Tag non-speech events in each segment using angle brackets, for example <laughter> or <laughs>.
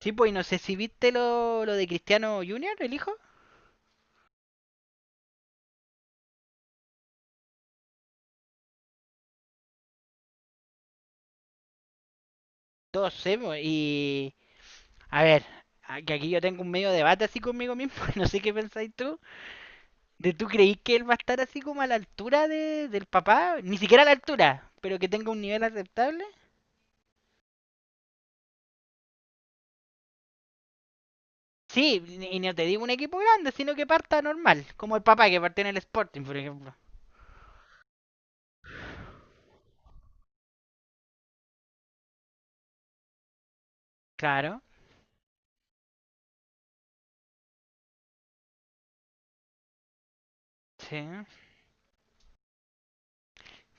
Sí, pues, y no sé si viste lo de Cristiano Junior, el hijo. Todos sé, pues, y... A ver, que aquí yo tengo un medio debate así conmigo mismo, <laughs> no sé qué pensáis tú. ¿De tú creís que él va a estar así como a la altura del papá? Ni siquiera a la altura, pero que tenga un nivel aceptable. Sí, y no te digo un equipo grande, sino que parta normal, como el papá que partió en el Sporting, por ejemplo. Claro, sí.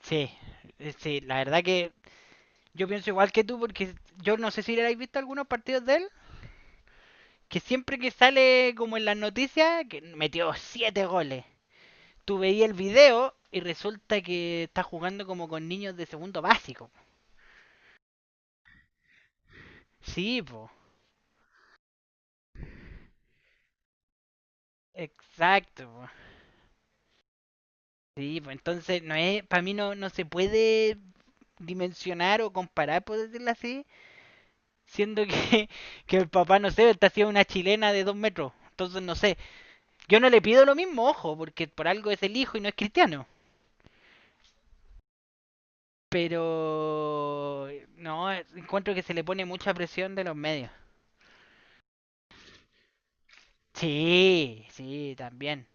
Sí, sí, la verdad que yo pienso igual que tú porque yo no sé si le habéis visto algunos partidos de él. Que siempre que sale como en las noticias, que metió 7 goles. Tú veías el video y resulta que está jugando como con niños de segundo básico. Sí, po. Exacto, po. Sí, po. Entonces, no es, para mí no, no se puede dimensionar o comparar, por decirlo así, siendo que, <laughs> que el papá, no sé, está haciendo una chilena de 2 metros. Entonces, no sé. Yo no le pido lo mismo, ojo, porque por algo es el hijo y no es cristiano. Pero no, encuentro que se le pone mucha presión de los medios. Sí, sí, también.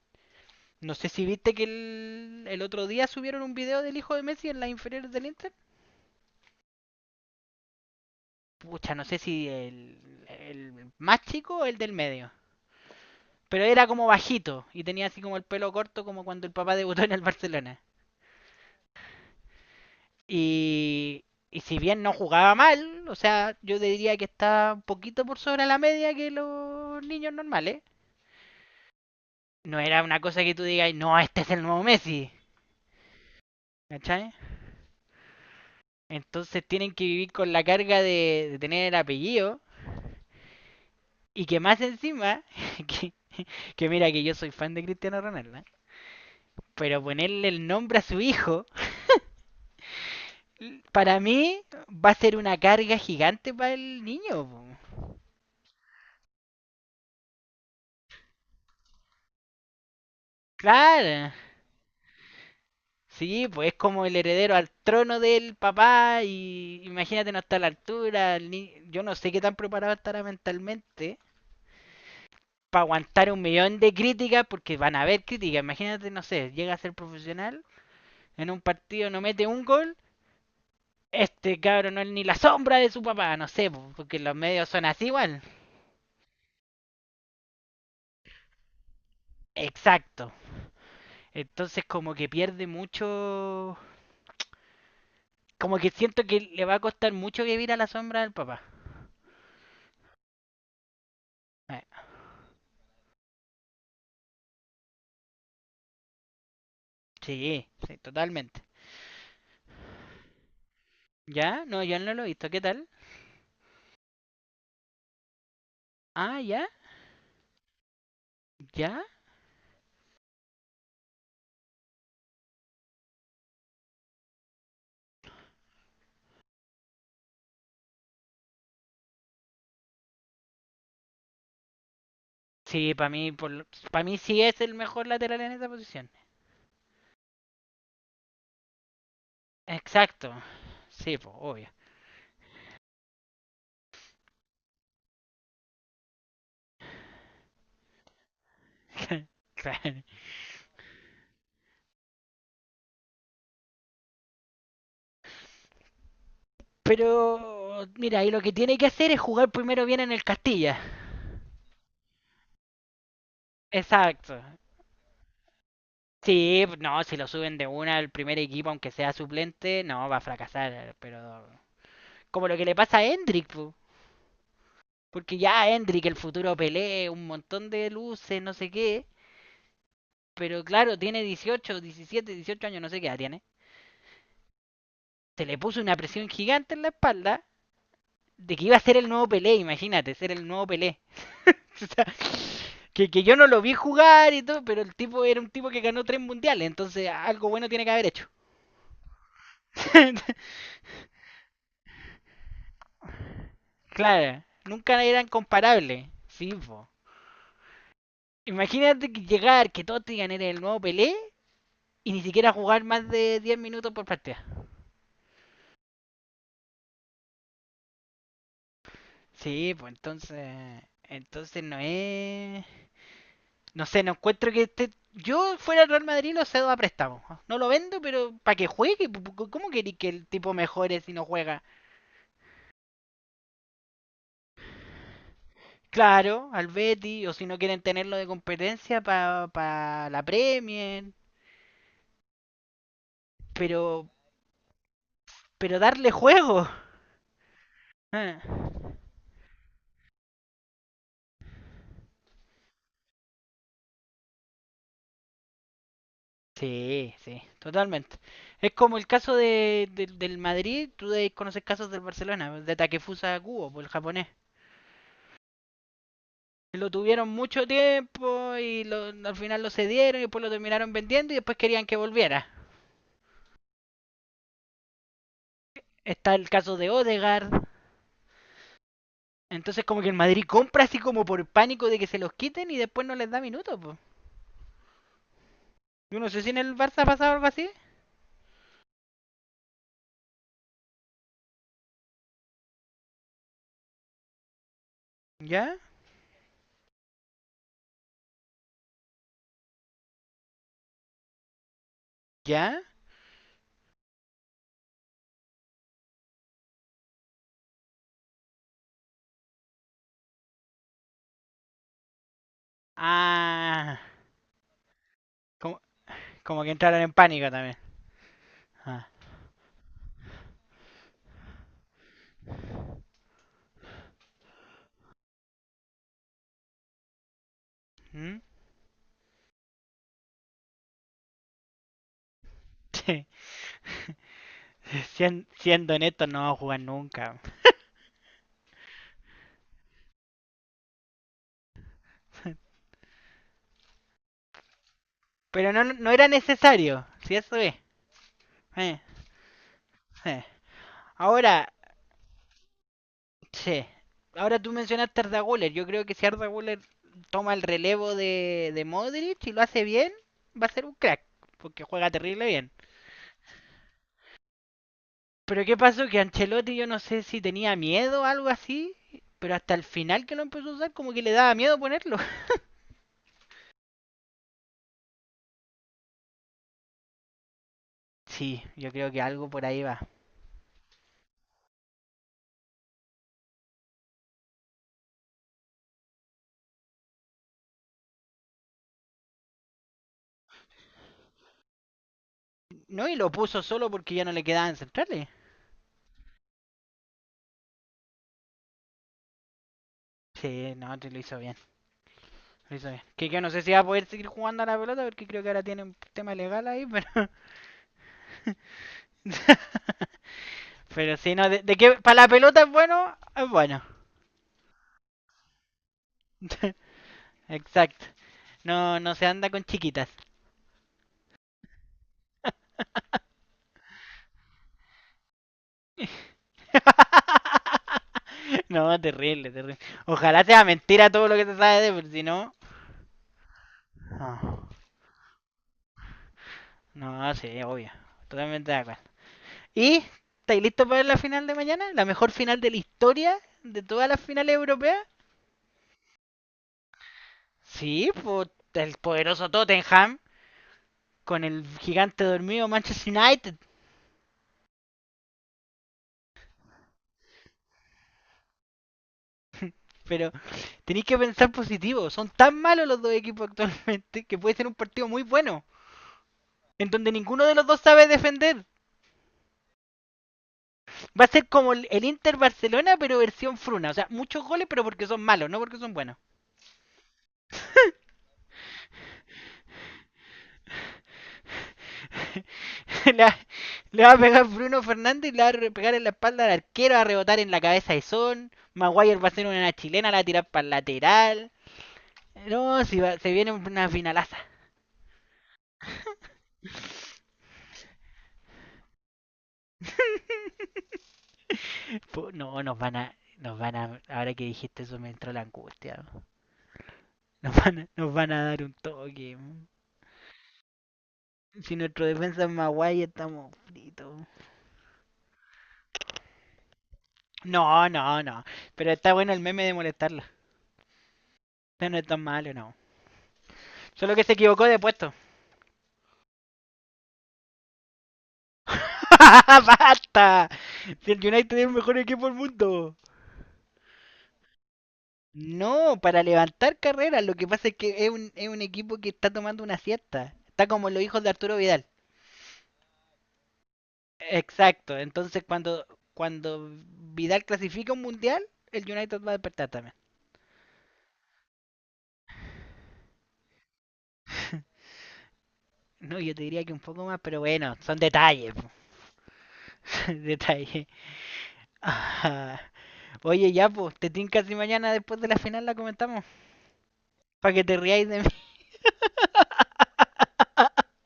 No sé si viste que el otro día subieron un video del hijo de Messi en las inferiores del Inter. Pucha, no sé si el más chico o el del medio. Pero era como bajito y tenía así como el pelo corto como cuando el papá debutó en el Barcelona. Y, y si bien no jugaba mal, o sea, yo diría que está un poquito por sobre la media que los niños normales. No era una cosa que tú digas, no, este es el nuevo Messi, ¿cachai? Entonces tienen que vivir con la carga de tener el apellido, y que más encima, <laughs> que, que mira que yo soy fan de Cristiano Ronaldo, ¿eh? Pero ponerle el nombre a su hijo, para mí va a ser una carga gigante para el niño, po. Claro, sí, pues es como el heredero al trono del papá, y imagínate no está a la altura. El ni-, yo no sé qué tan preparado estará mentalmente para aguantar un millón de críticas, porque van a haber críticas. Imagínate, no sé, llega a ser profesional, en un partido no mete un gol, este cabrón no es ni la sombra de su papá, no sé, porque los medios son así igual. Exacto. Entonces como que pierde mucho... Como que siento que le va a costar mucho vivir a la sombra del papá. Eh, sí, sí, totalmente. ¿Ya? No, yo no lo he visto. ¿Qué tal? Ah, ¿ya? ¿Ya? Sí, para mí sí es el mejor lateral en esa posición. Exacto. Sí, pues, obvio. <laughs> Claro. Pero, mira, y lo que tiene que hacer es jugar primero bien en el Castilla. Exacto. Sí, no, si lo suben de una al primer equipo, aunque sea suplente, no, va a fracasar. Pero, como lo que le pasa a Hendrik, po. Porque ya Hendrik, el futuro Pelé, un montón de luces, no sé qué. Pero claro, tiene 18, 17, 18 años, no sé qué edad tiene. Se le puso una presión gigante en la espalda de que iba a ser el nuevo Pelé, imagínate, ser el nuevo Pelé. <laughs> Que yo no lo vi jugar y todo, pero el tipo era un tipo que ganó 3 mundiales, entonces algo bueno tiene que haber hecho. <laughs> Claro, nunca eran comparables. Sí, po. Imagínate, que llegar, que todos te digan eres el nuevo Pelé y ni siquiera jugar más de 10 minutos por partida. Sí, pues entonces. Entonces no es. No sé, no encuentro que este. Yo fuera el Real Madrid lo cedo a préstamo. No lo vendo, pero para que juegue. ¿Cómo queréis que el tipo mejore si no juega? Claro, al Betty, o si no quieren tenerlo de competencia para la Premier, pero, pero darle juego. Ah. Sí, sí, totalmente. Es como el caso de, del Madrid, tú debes conocer casos del Barcelona, de Takefusa Kubo, por el japonés. Lo tuvieron mucho tiempo y al final lo cedieron y después lo terminaron vendiendo y después querían que volviera. Está el caso de Odegaard. Entonces como que el Madrid compra así como por pánico de que se los quiten y después no les da minutos, po. Yo no sé si en el Barça ha pasado algo así. ¿Ya? ¿Ya? Ah, como, como que entraron en pánico también. Ah. ¿Mm? <laughs> Siendo honesto, no va a jugar nunca. Pero no, no era necesario, si eso es. Eh, eh. Ahora, sí. Ahora tú mencionaste a Arda Güler. Yo creo que si Arda Güler toma el relevo de Modric y lo hace bien, va a ser un crack. Porque juega terrible bien. Pero ¿qué pasó? Que Ancelotti yo no sé si tenía miedo o algo así, pero hasta el final que lo empezó a usar como que le daba miedo ponerlo. <laughs> Sí, yo creo que algo por ahí va. No, y lo puso solo porque ya no le quedaban centrales. Sí, no, te lo hizo bien, lo hizo bien. Que yo no sé si va a poder seguir jugando a la pelota porque creo que ahora tiene un tema legal ahí, pero... <laughs> pero sí, no, de que para la pelota es bueno, es bueno. Exacto. No, no se anda con chiquitas. <laughs> No, terrible, terrible. Ojalá sea mentira todo lo que te sabes pero si no. No, no, sí, obvio. Totalmente de acuerdo. ¿Y estáis listos para la final de mañana? ¿La mejor final de la historia de todas las finales europeas? Sí, pues el poderoso Tottenham con el gigante dormido Manchester United. Pero tenéis que pensar positivo. Son tan malos los dos equipos actualmente que puede ser un partido muy bueno. En donde ninguno de los dos sabe defender. Va a ser como el Inter Barcelona, pero versión fruna. O sea, muchos goles, pero porque son malos, no porque son buenos. <laughs> le, va, le va a pegar Bruno Fernández y le va a pegar en la espalda al arquero, va a rebotar en la cabeza de Son. Maguire va a hacer una chilena, la va a tirar para el lateral. No, si va- se viene una finalaza. <laughs> No, nos van a. Nos van a. Ahora que dijiste eso me entró la angustia, ¿no? Nos van a dar un toque. Si nuestro defensa es Maguire, estamos fritos. No, no, no. Pero está bueno el meme de molestarla. No, no es tan malo, no. Solo que se equivocó de puesto. <laughs> ¡Basta! Si el United es el mejor equipo del mundo. No, para levantar carreras. Lo que pasa es que es un equipo que está tomando una siesta. Está como los hijos de Arturo Vidal. Exacto. Entonces, cuando Vidal clasifica un mundial, el United va a despertar también. No, yo te diría que un poco más, pero bueno, son detalles. <laughs> Detalles. Ah. Oye, ya, pues, te tinca si mañana después de la final la comentamos. Para que te riáis de mí. <laughs>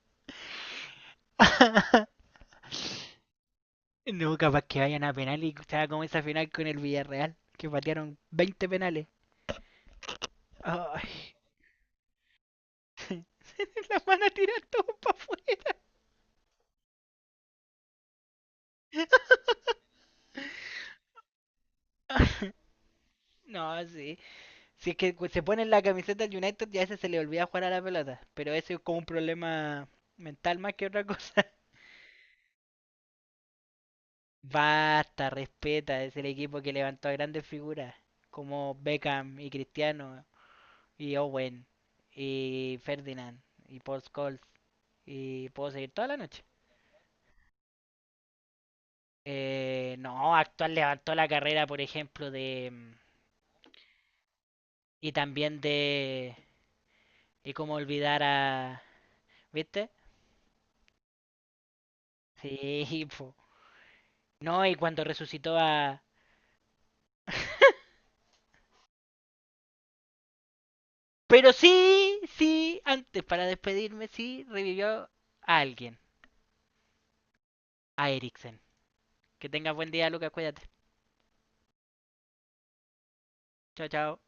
No, capaz que vayan a penal y sea como esa final con el Villarreal, que patearon 20 penales. Ay, <laughs> la van a tirar todo para afuera. <laughs> No, sí. Si es que se pone en la camiseta del United, ya a ese se le olvida jugar a la pelota. Pero eso es como un problema mental más que otra cosa. Basta, respeta, es el equipo que levantó a grandes figuras como Beckham y Cristiano y Owen y Ferdinand y Paul Scholes y puedo seguir toda la noche. No, actual levantó la carrera, por ejemplo, de... Y también de... Y cómo olvidar a... ¿Viste? Sí, <laughs> po. No, y cuando resucitó a... <laughs> Pero sí, sí, antes para despedirme, sí, revivió a alguien, a Eriksen. Que tengas buen día, Lucas. Cuídate. Chao, chao.